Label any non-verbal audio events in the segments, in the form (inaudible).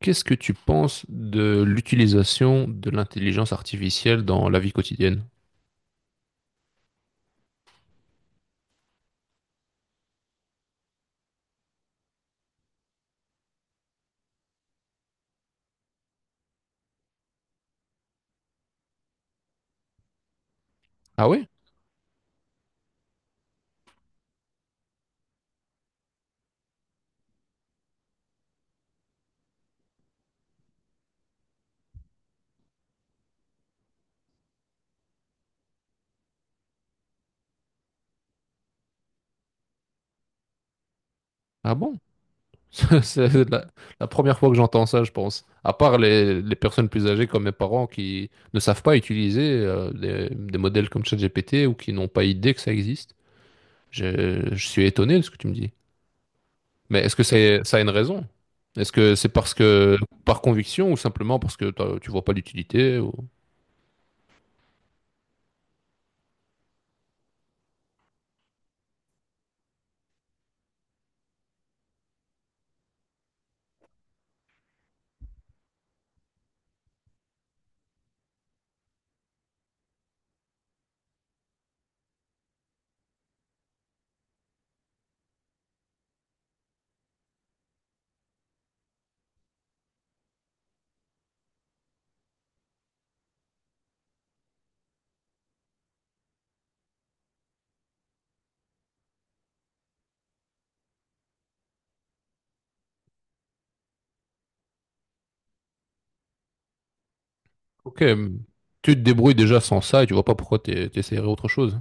Qu'est-ce que tu penses de l'utilisation de l'intelligence artificielle dans la vie quotidienne? Ah ouais? Ah bon? (laughs) C'est la première fois que j'entends ça, je pense. À part les personnes plus âgées comme mes parents qui ne savent pas utiliser des modèles comme ChatGPT ou qui n'ont pas idée que ça existe. Je suis étonné de ce que tu me dis. Mais est-ce que ça a une raison? Est-ce que c'est parce que par conviction ou simplement parce que tu vois pas l'utilité ou... Ok, tu te débrouilles déjà sans ça et tu vois pas pourquoi t'essaierais autre chose.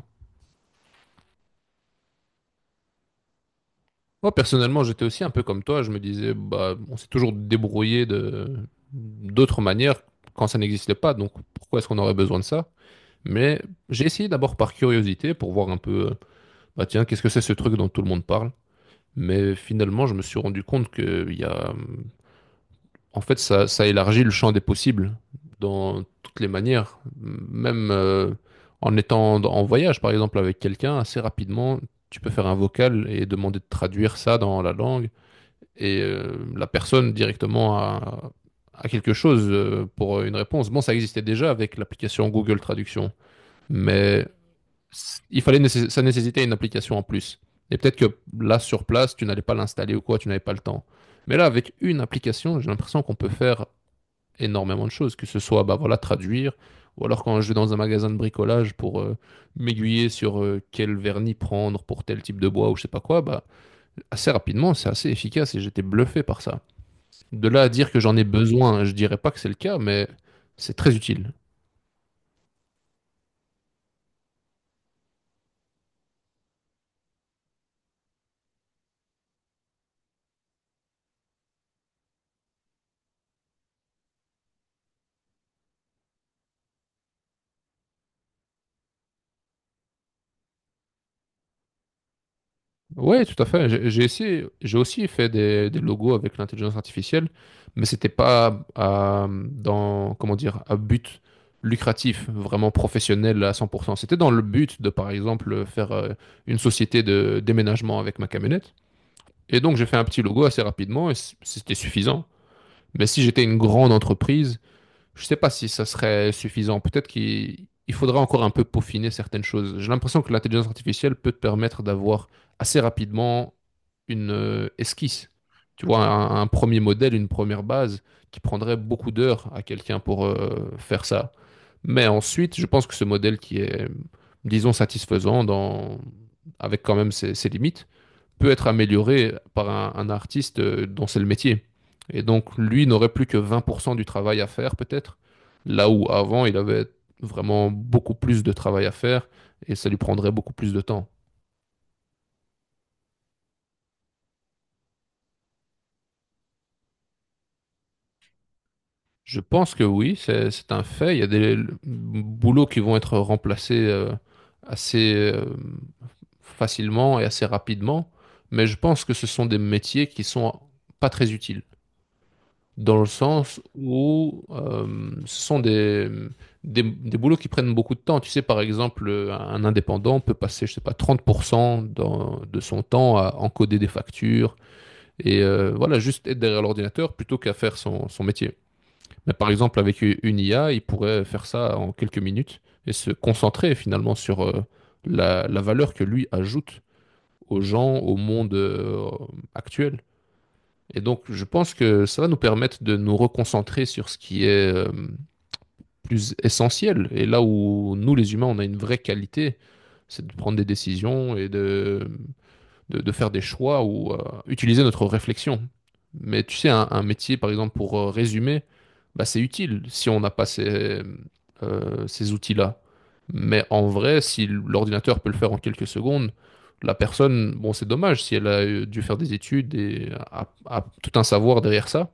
Moi, personnellement, j'étais aussi un peu comme toi. Je me disais, bah, on s'est toujours débrouillé de d'autres manières quand ça n'existait pas. Donc, pourquoi est-ce qu'on aurait besoin de ça? Mais j'ai essayé d'abord par curiosité pour voir un peu, bah tiens, qu'est-ce que c'est ce truc dont tout le monde parle? Mais finalement, je me suis rendu compte qu'il y a en fait, ça élargit le champ des possibles dans toutes les manières. Même en étant en voyage, par exemple, avec quelqu'un, assez rapidement, tu peux faire un vocal et demander de traduire ça dans la langue. Et la personne directement a quelque chose pour une réponse. Bon, ça existait déjà avec l'application Google Traduction, mais il fallait ça nécessitait une application en plus. Et peut-être que là, sur place, tu n'allais pas l'installer ou quoi, tu n'avais pas le temps. Mais là, avec une application, j'ai l'impression qu'on peut faire énormément de choses, que ce soit bah, voilà, traduire, ou alors quand je vais dans un magasin de bricolage pour m'aiguiller sur quel vernis prendre pour tel type de bois ou je sais pas quoi, bah, assez rapidement, c'est assez efficace et j'étais bluffé par ça. De là à dire que j'en ai besoin, je dirais pas que c'est le cas, mais c'est très utile. Ouais, tout à fait. J'ai essayé, j'ai aussi fait des logos avec l'intelligence artificielle, mais c'était pas dans, comment dire, à but lucratif, vraiment professionnel à 100%. C'était dans le but de, par exemple, faire une société de déménagement avec ma camionnette. Et donc, j'ai fait un petit logo assez rapidement et c'était suffisant. Mais si j'étais une grande entreprise, je sais pas si ça serait suffisant. Peut-être qu'il il faudra encore un peu peaufiner certaines choses. J'ai l'impression que l'intelligence artificielle peut te permettre d'avoir assez rapidement une esquisse. Tu vois, un premier modèle, une première base qui prendrait beaucoup d'heures à quelqu'un pour faire ça. Mais ensuite, je pense que ce modèle disons, satisfaisant dans... avec quand même ses limites, peut être amélioré par un artiste dont c'est le métier. Et donc, lui n'aurait plus que 20% du travail à faire, peut-être, là où avant, il avait vraiment beaucoup plus de travail à faire et ça lui prendrait beaucoup plus de temps. Je pense que oui, c'est un fait. Il y a des boulots qui vont être remplacés assez facilement et assez rapidement, mais je pense que ce sont des métiers qui sont pas très utiles, dans le sens où ce sont des boulots qui prennent beaucoup de temps. Tu sais, par exemple, un indépendant peut passer, je sais pas, 30% de son temps à encoder des factures et voilà, juste être derrière l'ordinateur plutôt qu'à faire son métier. Mais par exemple, avec une IA, il pourrait faire ça en quelques minutes et se concentrer finalement sur la valeur que lui ajoute aux gens, au monde actuel. Et donc, je pense que ça va nous permettre de nous reconcentrer sur ce qui est plus essentiel. Et là où nous, les humains, on a une vraie qualité, c'est de prendre des décisions et de de faire des choix ou utiliser notre réflexion. Mais tu sais, un métier, par exemple, pour résumer, bah, c'est utile si on n'a pas ces outils-là. Mais en vrai, si l'ordinateur peut le faire en quelques secondes, la personne, bon, c'est dommage si elle a dû faire des études et a tout un savoir derrière ça.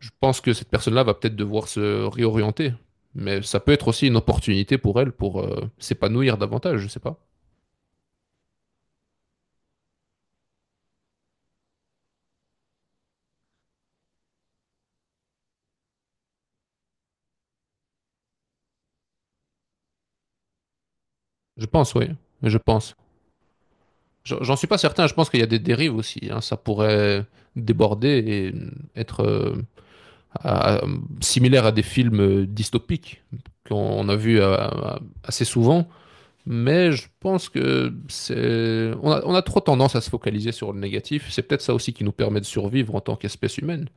Je pense que cette personne-là va peut-être devoir se réorienter. Mais ça peut être aussi une opportunité pour elle pour s'épanouir davantage, je sais pas. Je pense, oui. Je pense. J'en suis pas certain, je pense qu'il y a des dérives aussi, hein. Ça pourrait déborder et être à- à- similaire à des films dystopiques qu'on a vus assez souvent. Mais je pense que c'est... on a trop tendance à se focaliser sur le négatif. C'est peut-être ça aussi qui nous permet de survivre en tant qu'espèce humaine.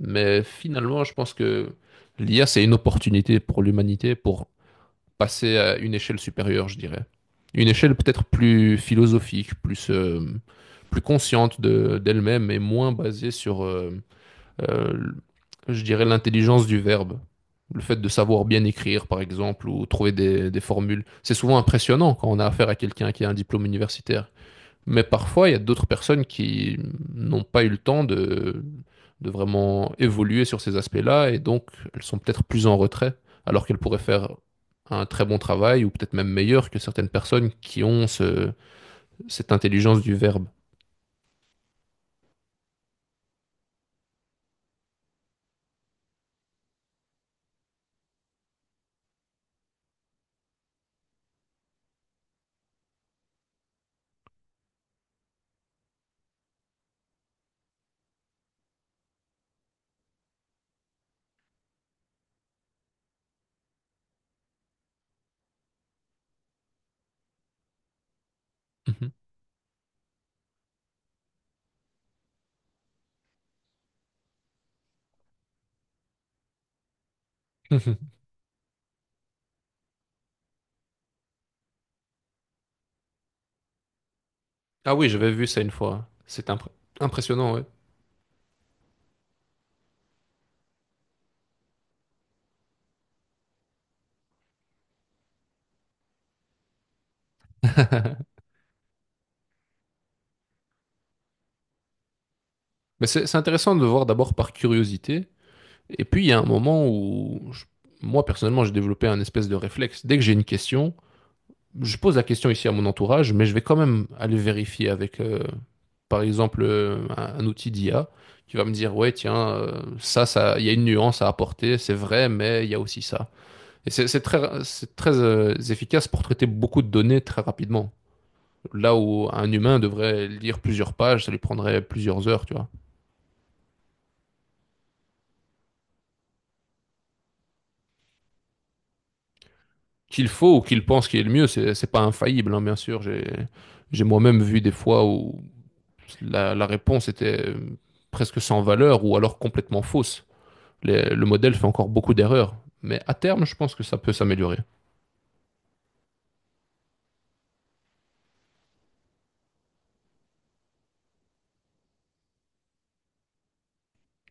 Mais finalement, je pense que l'IA, c'est une opportunité pour l'humanité pour passer à une échelle supérieure, je dirais. Une échelle peut-être plus philosophique, plus, plus consciente d'elle-même et moins basée sur, euh, je dirais, l'intelligence du verbe. Le fait de savoir bien écrire, par exemple, ou trouver des formules. C'est souvent impressionnant quand on a affaire à quelqu'un qui a un diplôme universitaire, mais parfois, il y a d'autres personnes qui n'ont pas eu le temps de vraiment évoluer sur ces aspects-là, et donc elles sont peut-être plus en retrait, alors qu'elles pourraient faire un très bon travail, ou peut-être même meilleur que certaines personnes qui ont cette intelligence du verbe. Mhm. Mhm. Ah oui, j'avais vu ça une fois. C'est impressionnant, ouais. (laughs) Mais c'est intéressant de voir d'abord par curiosité, et puis il y a un moment où, moi personnellement, j'ai développé un espèce de réflexe. Dès que j'ai une question, je pose la question ici à mon entourage, mais je vais quand même aller vérifier avec, par exemple, un outil d'IA qui va me dire, ouais, tiens, ça, il y a une nuance à apporter, c'est vrai, mais il y a aussi ça. Et c'est très efficace pour traiter beaucoup de données très rapidement. Là où un humain devrait lire plusieurs pages, ça lui prendrait plusieurs heures, tu vois. Qu'il faut ou qu'il pense qu'il est le mieux, c'est pas infaillible, hein, bien sûr. J'ai moi-même vu des fois où la réponse était presque sans valeur ou alors complètement fausse. Le modèle fait encore beaucoup d'erreurs, mais à terme, je pense que ça peut s'améliorer.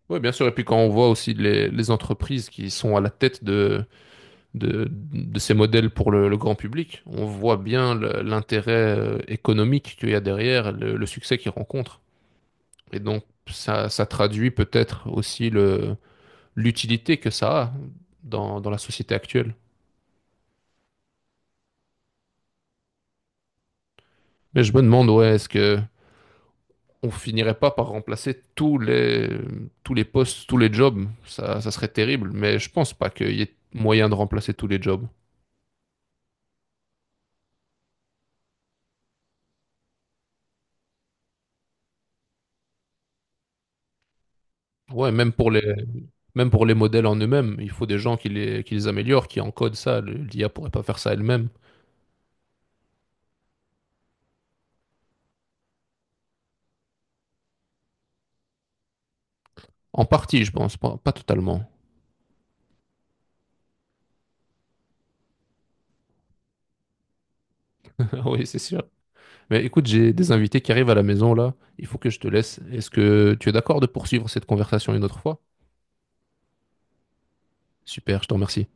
Oui, bien sûr. Et puis quand on voit aussi les entreprises qui sont à la tête de ces modèles pour le grand public, on voit bien l'intérêt économique qu'il y a derrière, le succès qu'ils rencontrent. Et donc, ça traduit peut-être aussi l'utilité que ça a dans la société actuelle. Mais je me demande, ouais, est-ce que on finirait pas par remplacer tous les postes, tous les jobs. Ça serait terrible, mais je pense pas qu'il y ait moyen de remplacer tous les jobs. Ouais, même pour les modèles en eux-mêmes, il faut des gens qui les améliorent, qui encodent ça. L'IA pourrait pas faire ça elle-même. En partie, je pense, pas totalement. (laughs) Oui, c'est sûr. Mais écoute, j'ai des invités qui arrivent à la maison là. Il faut que je te laisse. Est-ce que tu es d'accord de poursuivre cette conversation une autre fois? Super, je t'en remercie.